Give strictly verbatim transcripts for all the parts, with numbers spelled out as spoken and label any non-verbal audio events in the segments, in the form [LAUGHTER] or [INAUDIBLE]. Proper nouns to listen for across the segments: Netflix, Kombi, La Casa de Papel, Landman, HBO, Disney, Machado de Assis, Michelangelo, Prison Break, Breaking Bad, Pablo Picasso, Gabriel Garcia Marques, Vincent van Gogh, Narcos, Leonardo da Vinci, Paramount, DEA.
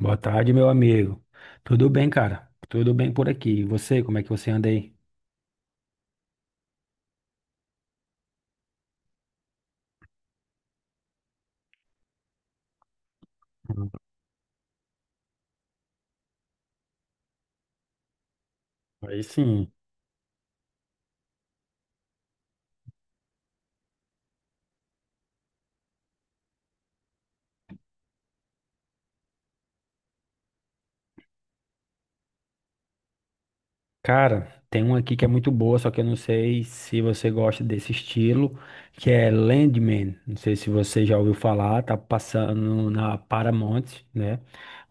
Boa tarde, meu amigo. Tudo bem, cara? Tudo bem por aqui. E você, como é que você anda aí? Hum. Aí sim. Cara, tem uma aqui que é muito boa, só que eu não sei se você gosta desse estilo, que é Landman. Não sei se você já ouviu falar, tá passando na Paramount, né?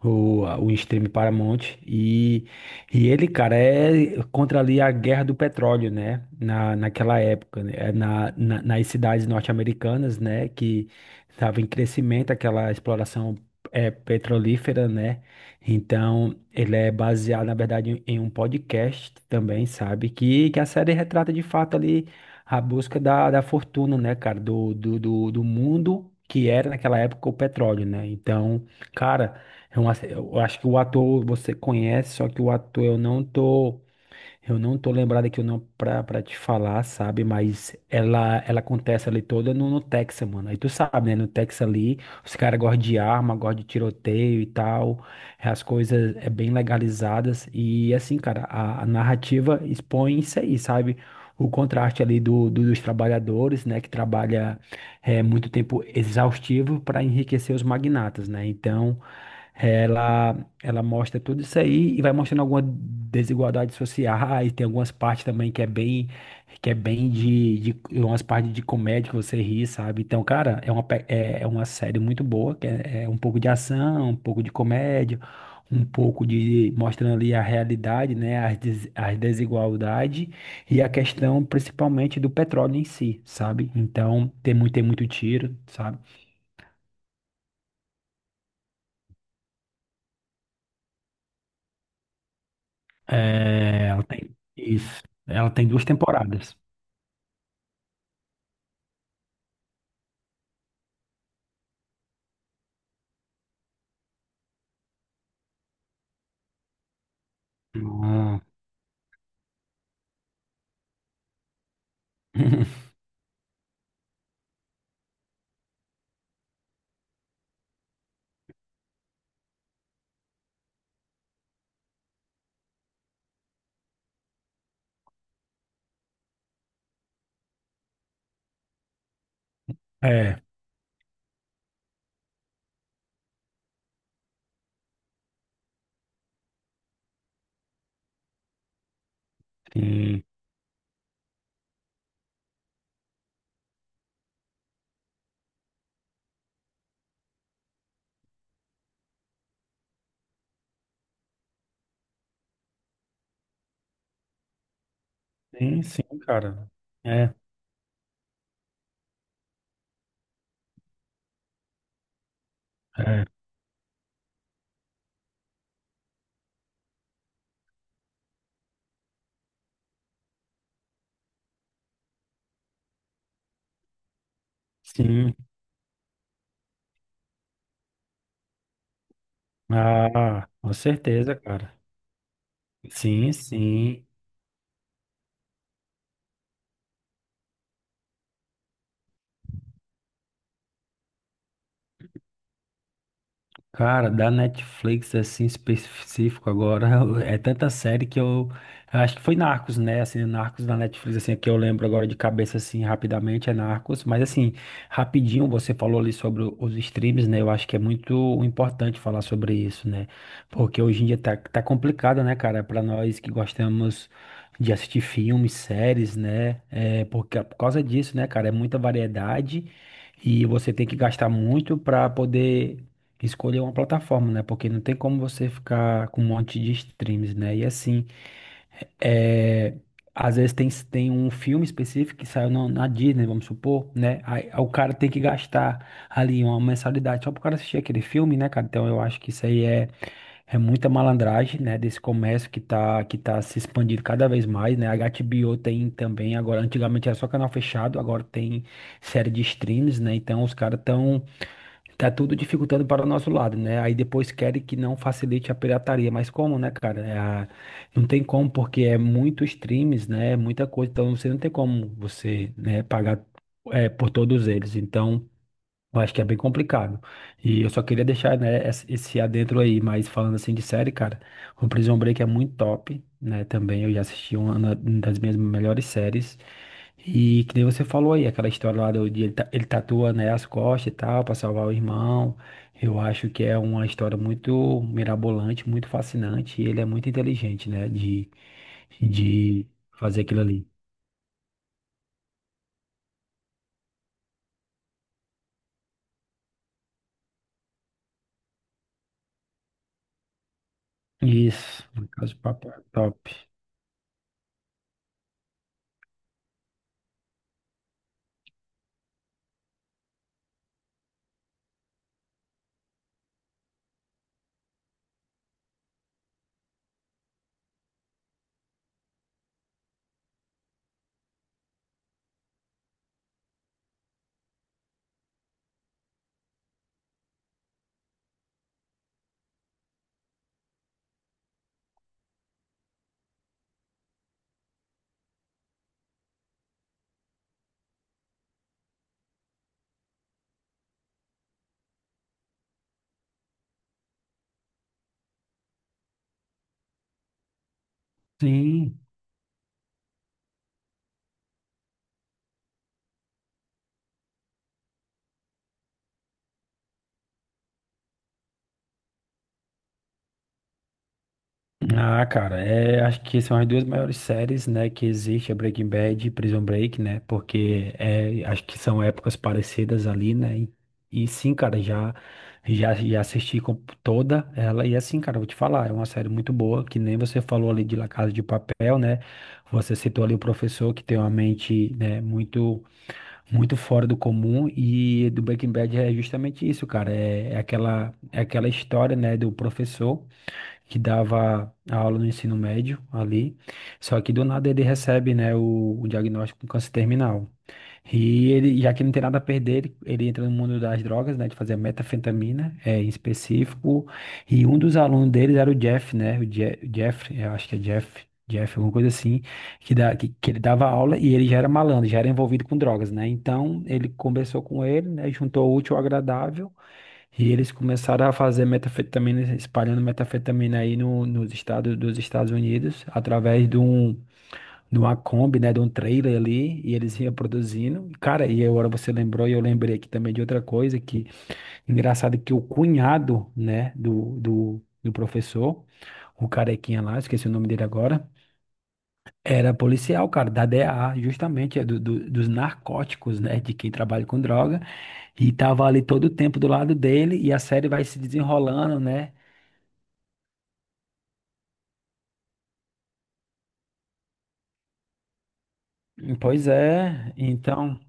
O, a- o stream Paramount. E, e ele, cara, é contra ali a guerra do petróleo, né? Na, naquela época, né? É Na, na- nas cidades norte-americanas, né? Que estava em crescimento aquela exploração é, petrolífera, né? Então, ele é baseado, na verdade, em em um podcast também, sabe? Que, que a série retrata de fato ali a busca da, da fortuna, né, cara? Do, do, do, do mundo que era naquela época o petróleo, né? Então, cara, é uma- eu acho que o ator você conhece, só que o ator eu não tô. Eu não tô lembrado aqui o nome pra, pra te falar, sabe? Mas ela ela acontece ali toda no, no Texas, mano. Aí tu sabe, né? No Texas ali, os caras gostam de arma, gostam de tiroteio e tal. As coisas é bem legalizadas. E assim, cara, a, a narrativa expõe isso aí, sabe? O contraste ali do, do- dos trabalhadores, né? Que trabalha é, muito tempo exaustivo para enriquecer os magnatas, né? Então. Ela ela mostra tudo isso aí e vai mostrando algumas desigualdades sociais, tem algumas partes também que é bem, que é bem de, de umas partes de comédia que você ri, sabe? Então, cara, é uma, pe- é, é uma série muito boa, que é, é um pouco de ação, um pouco de comédia, um pouco de mostrando ali a realidade, né? As, des, as desigualdades e a questão principalmente do petróleo em si, sabe? Então, tem muito, tem muito tiro, sabe? É, ela tem isso. Ela tem duas temporadas. Ah. [LAUGHS] é, sim, sim, sim, cara. É, é, sim. Ah, com certeza, cara. Sim, sim. Cara, da Netflix, assim, específico agora, [LAUGHS] é tanta série que eu acho que foi Narcos, né? Assim, Narcos da Netflix, assim, que eu lembro agora de cabeça, assim, rapidamente, é Narcos, mas assim, rapidinho, você falou ali sobre o- os streams, né? Eu acho que é muito importante falar sobre isso, né? Porque hoje em dia tá, tá complicado, né, cara? Pra nós que gostamos de assistir filmes, séries, né? É, porque, por causa disso, né, cara? É muita variedade. E você tem que gastar muito para poder escolher uma plataforma, né? Porque não tem como você ficar com um monte de streams, né? E assim, é, às vezes tem, tem um filme específico que saiu no- na Disney, vamos supor, né? Aí, o cara tem que gastar ali uma mensalidade só pro cara assistir aquele filme, né, cara? Então eu acho que isso aí é, é muita malandragem, né? Desse comércio que tá, que tá se expandindo cada vez mais, né? A H B O tem também agora, antigamente era só canal fechado, agora tem série de streams, né? Então os caras estão tá tudo dificultando para o nosso lado, né? Aí depois querem que não facilite a pirataria. Mas como, né, cara? É a- Não tem como, porque é muito streams, né? É muita coisa. Então você não tem como você, né, pagar é, por todos eles. Então eu acho que é bem complicado. E eu só queria deixar, né, esse esse adentro aí, mas falando assim de série, cara, o Prison Break é muito top, né? Também eu já assisti uma na- uma das minhas melhores séries. E que nem você falou aí, aquela história lá do, de ele, ta- ele tatua, né, as costas e tal, pra salvar o irmão. Eu acho que é uma história muito mirabolante, muito fascinante, e ele é muito inteligente, né, de, de fazer aquilo ali. Isso, no caso, o papo é top. Sim. Ah, cara, é, acho que são as duas maiores séries, né, que existe, a Breaking Bad e Prison Break, né, porque é, acho que são épocas parecidas ali, né, e, e sim, cara, já, já, já assisti com toda ela, e assim, cara, eu vou te falar, é uma série muito boa, que nem você falou ali de La Casa de Papel, né, você citou ali o professor que tem uma mente, né, muito, muito fora do comum, e do Breaking Bad é justamente isso, cara, é, é aquela, é aquela história, né, do professor, que dava a aula no ensino médio ali. Só que do nada ele recebe, né, o, o diagnóstico com câncer terminal. E ele, já que ele não tem nada a perder, ele, ele entra no mundo das drogas, né, de fazer metanfetamina, é, em específico. E um dos alunos deles era o Jeff, né, o Je Jeff, eu acho que é Jeff. Jeff, alguma coisa assim, que, dá, que, que ele dava aula e ele já era malandro, já era envolvido com drogas, né? Então, ele conversou com ele, né? Juntou o útil ao agradável e eles começaram a fazer metafetamina, espalhando metafetamina aí no, nos estados dos Estados Unidos, através de, um, de uma Kombi, né, de um trailer ali, e eles iam produzindo. Cara, e agora você lembrou, e eu lembrei aqui também de outra coisa, que engraçado que o cunhado, né, do, do, do professor, o carequinha lá, esqueci o nome dele agora, era policial, cara, da D E A, justamente, é do, do- dos narcóticos, né, de quem trabalha com droga, e tava ali todo o tempo do lado dele, e a série vai se desenrolando, né? Pois é, então,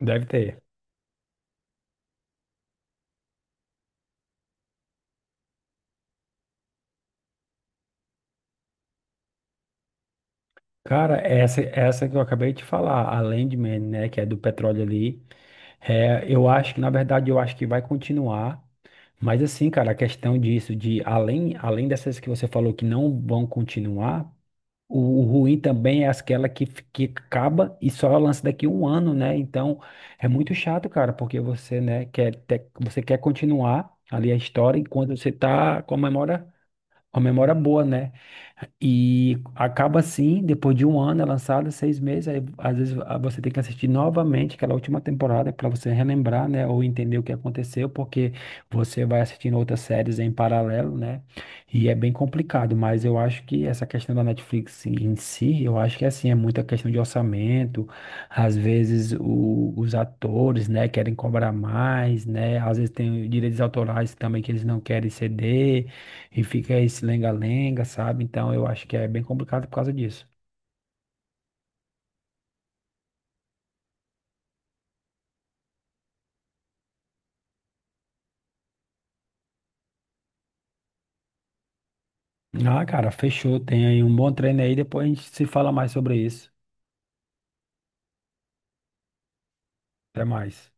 deve ter. Cara, essa, essa que eu acabei de falar, a Landman, né, que é do petróleo ali, é, eu acho que, na verdade, eu acho que vai continuar, mas assim, cara, a questão disso, de além, além dessas que você falou que não vão continuar, o, o ruim também é aquela que, f- que acaba e só lança daqui um ano, né, então é muito chato, cara, porque você, né, quer, ter- você quer continuar ali a história enquanto você tá com a memória, com a memória boa, né. E acaba assim, depois de um ano é lançada, seis meses, aí às vezes ah, você tem que assistir novamente aquela última temporada para você relembrar, né, ou entender o que aconteceu, porque você vai assistindo outras séries em paralelo, né? E é bem complicado, mas eu acho que essa questão da Netflix em si, eu acho que assim, é muita questão de orçamento, às vezes o- os atores, né, querem cobrar mais, né? Às vezes tem direitos autorais também que eles não querem ceder. E fica esse lenga-lenga, sabe? Então eu acho que é bem complicado por causa disso. Ah, cara, fechou. Tem aí um bom treino aí. Depois a gente se fala mais sobre isso. Até mais.